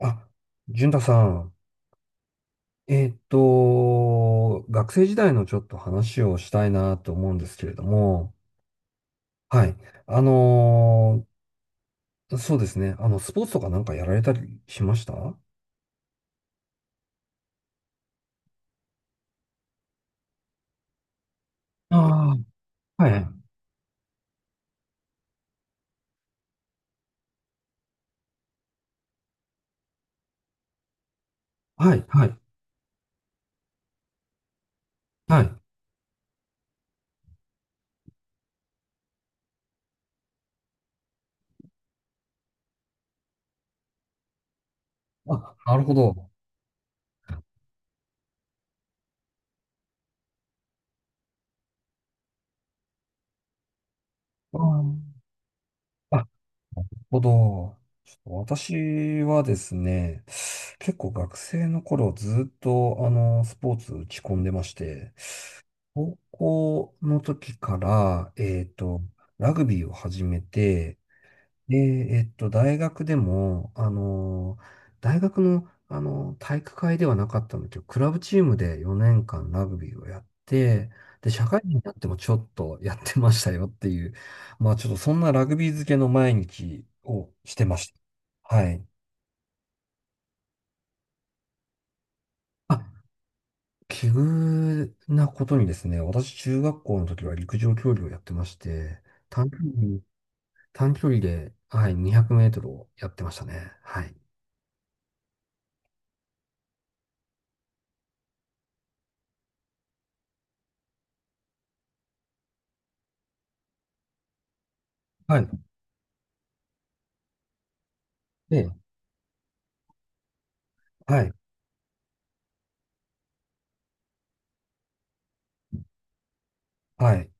あ、淳太さん、学生時代のちょっと話をしたいなと思うんですけれども、はい。あのそうですね。あの、スポーツとかなんかやられたりしましたはいああー、はい。はい、はい、はい。あ、なるほど。あーあ、なるほど。ちょっと私はですね、結構学生の頃ずっとあの、スポーツ打ち込んでまして、高校の時から、ラグビーを始めて、で、大学でも、あの、大学の、あの、体育会ではなかったんだけど、クラブチームで4年間ラグビーをやって、で、社会人になってもちょっとやってましたよっていう、まあちょっとそんなラグビー漬けの毎日をしてました。はい。あ、奇遇なことにですね、私中学校の時は陸上競技をやってまして、短距離短距離で、はい、200メートルをやってましたね。はい。はい。で、はい、はい。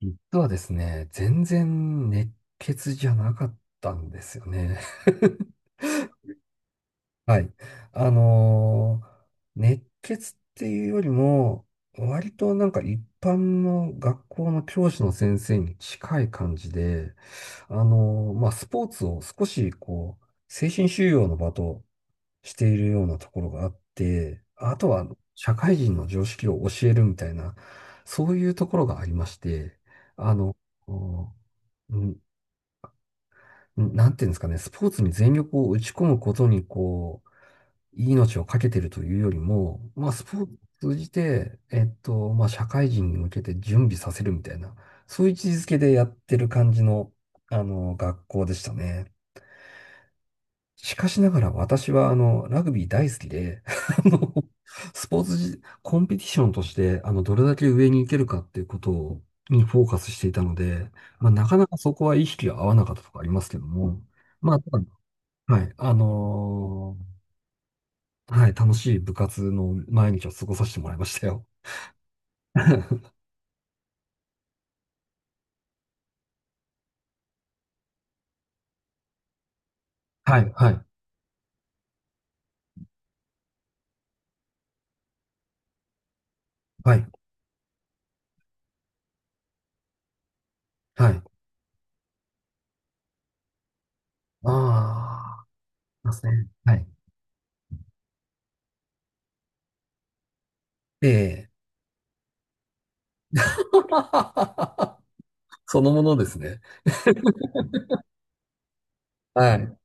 実はですね、全然熱血じゃなかったんですよね。はい。あのー熱血っていうよりも、割となんか一般の学校の教師の先生に近い感じで、まあ、スポーツを少しこう、精神修養の場としているようなところがあって、あとは社会人の常識を教えるみたいな、そういうところがありまして、あの、こううんなんていうんですかね、スポーツに全力を打ち込むことに、こう、命を懸けてるというよりも、まあ、スポーツを通じて、まあ、社会人に向けて準備させるみたいな、そういう位置づけでやってる感じの、あの、学校でしたね。しかしながら私はあの、ラグビー大好きで、あの、スポーツじ、コンペティションとして、あの、どれだけ上に行けるかっていうことにフォーカスしていたので、まあ、なかなかそこは意識が合わなかったとかありますけども、まあ、ただはい、はい、楽しい部活の毎日を過ごさせてもらいましたよ。はい、はい、はい、はい。ああ、いますね。はい。ええ。そのものですね。はい。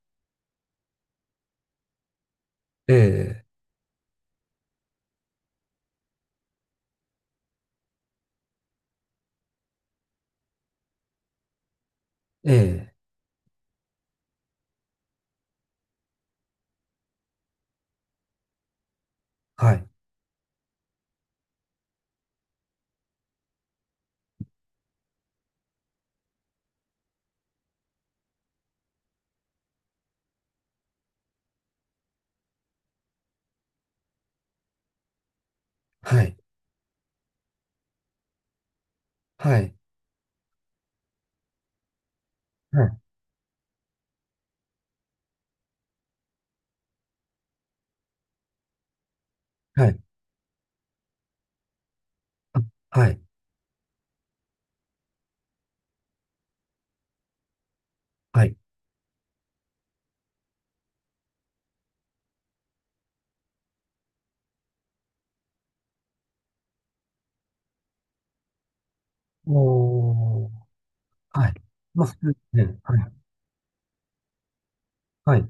ええ、ええ。はい。はい。はい。はい。はい。あ、はい。はい。おー。はい。まあ、普通ですね。はい。はい。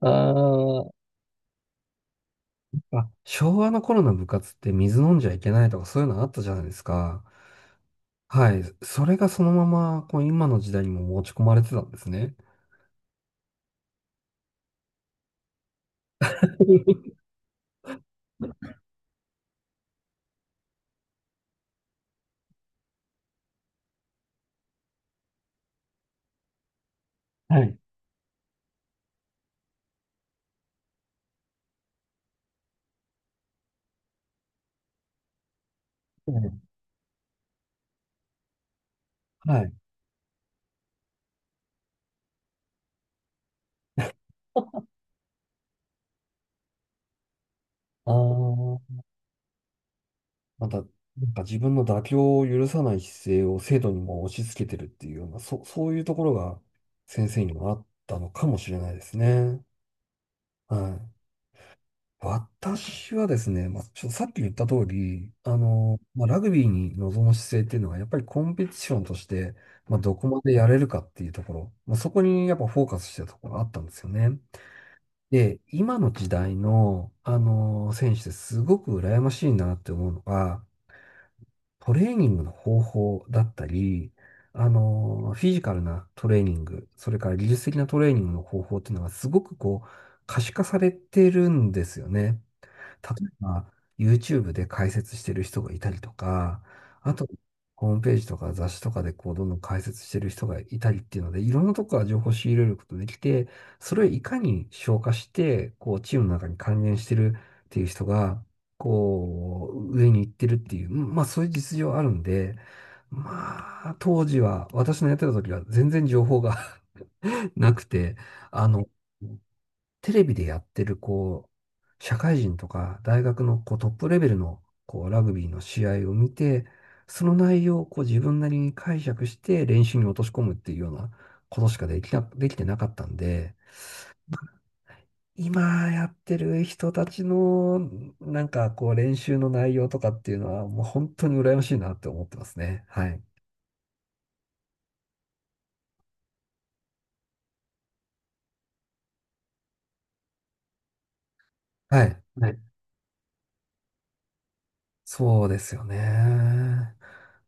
あーあ、昭和の頃の部活って水飲んじゃいけないとかそういうのあったじゃないですか。はい。それがそのまま、こう、今の時代にも持ち込まれてたんですね。はい。はい。はい。ああまた、なんか自分の妥協を許さない姿勢を生徒にも押し付けてるっていうような、そういうところが先生にもあったのかもしれないですね。はい。私はですね、まあ、ちょっとさっき言った通り、あの、まあ、ラグビーに臨む姿勢っていうのは、やっぱりコンペティションとして、まあ、どこまでやれるかっていうところ、まあ、そこにやっぱフォーカスしてたところがあったんですよね。で、今の時代の、あの、選手ですごく羨ましいなって思うのが、トレーニングの方法だったり、あの、フィジカルなトレーニング、それから技術的なトレーニングの方法っていうのがすごくこう、可視化されてるんですよね。例えば、YouTube で解説してる人がいたりとか、あと、ホームページとか雑誌とかでこう、どんどん解説してる人がいたりっていうので、いろんなとこから情報を仕入れることができて、それをいかに消化して、こう、チームの中に還元してるっていう人が、こう、上に行ってるっていう、まあそういう実情あるんで、まあ、当時は、私のやってた時は全然情報が なくて、あの、テレビでやってる、こう、社会人とか大学のこうトップレベルのこうラグビーの試合を見て、その内容をこう自分なりに解釈して練習に落とし込むっていうようなことしかできてなかったんで、今やってる人たちのなんかこう練習の内容とかっていうのはもう本当に羨ましいなって思ってますね。はい。はい。はいそうですよね。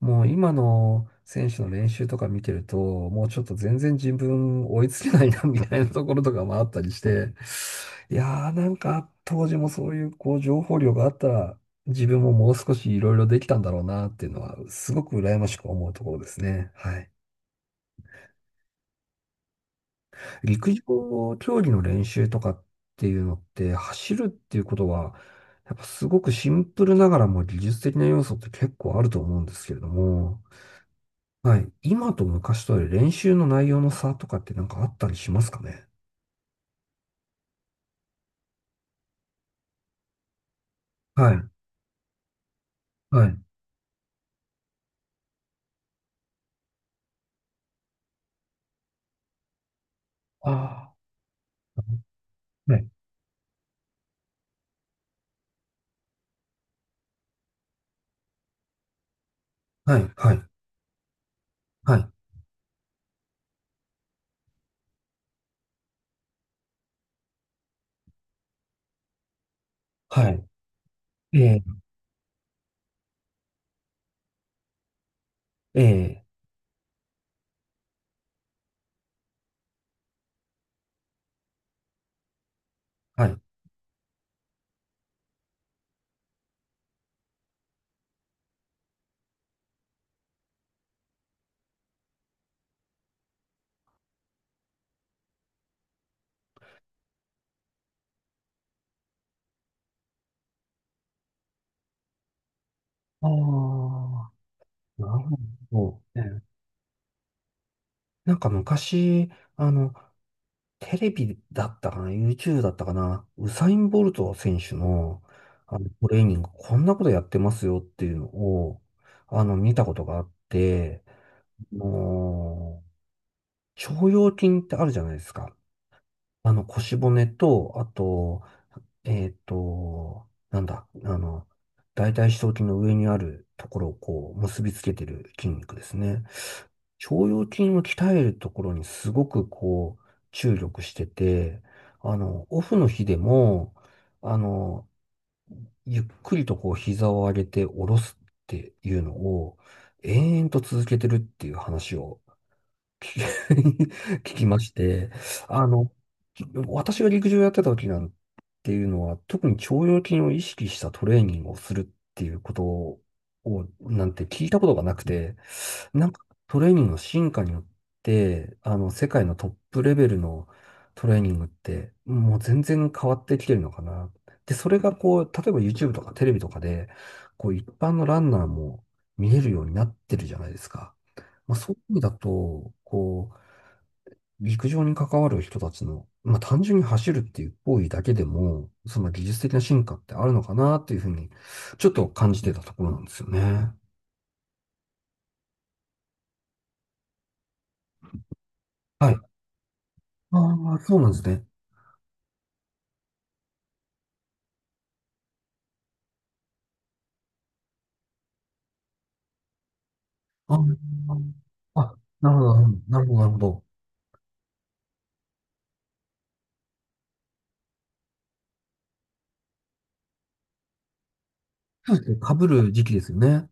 もう今の選手の練習とか見てると、もうちょっと全然自分追いつけないな みたいなところとかもあったりして、いやーなんか当時もそういうこう情報量があったら自分ももう少しいろいろできたんだろうなっていうのはすごく羨ましく思うところですね。はい。陸上競技の練習とかっていうのって走るっていうことはやっぱすごくシンプルながらも技術的な要素って結構あると思うんですけれども、はい。今と昔とで練習の内容の差とかってなんかあったりしますかねはい。はい。ああ。はい。はい。はい。はい。はい。ええ。ええ。はい。ああ。なるほど。ええなんか昔、あの、テレビだったかな？ YouTube だったかなウサイン・ボルト選手の、あのトレーニング、こんなことやってますよっていうのを、あの、見たことがあって、あの腸腰筋ってあるじゃないですか。あの、腰骨と、あと、なんだ、あの、大腿四頭筋の上にあるところをこう、結びつけてる筋肉ですね。腸腰筋を鍛えるところにすごくこう、注力してて、あの、オフの日でも、あの、ゆっくりとこう、膝を上げて下ろすっていうのを、延々と続けてるっていう話を聞き 聞きまして、あの、私が陸上やってた時なんていうのは、特に腸腰筋を意識したトレーニングをするっていうことを、なんて聞いたことがなくて、なんかトレーニングの進化によって、あの、世界のトップレベルのトレーニングって、もう全然変わってきてるのかな。で、それがこう、例えば YouTube とかテレビとかで、こう、一般のランナーも見えるようになってるじゃないですか。まあ、そういう意味だと、こう、陸上に関わる人たちの、まあ、単純に走るっていう行為だけでも、その技術的な進化ってあるのかなっていうふうに、ちょっと感じてたところなんですよね。はい。ああ、そうなんですね。あーあ、なるほど、なるほど、なるほど。そうですね。被る時期ですよね。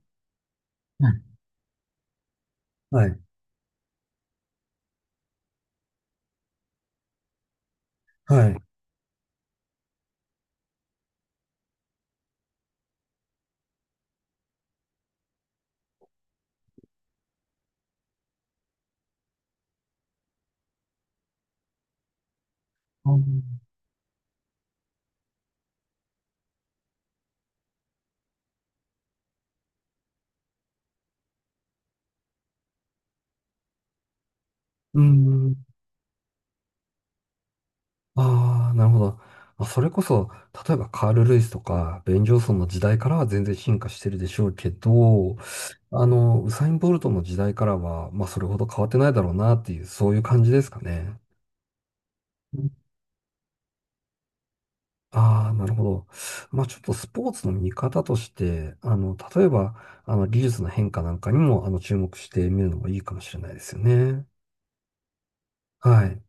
はいはい。はい。あーうーん。ああ、なるほど。まあ、それこそ、例えばカール・ルイスとか、ベン・ジョンソンの時代からは全然進化してるでしょうけど、あの、ウサイン・ボルトの時代からは、まあ、それほど変わってないだろうなっていう、そういう感じですかね。ああ、なるほど。まあちょっとスポーツの見方として、あの、例えば、あの、技術の変化なんかにも、あの、注目してみるのもいいかもしれないですよね。はい。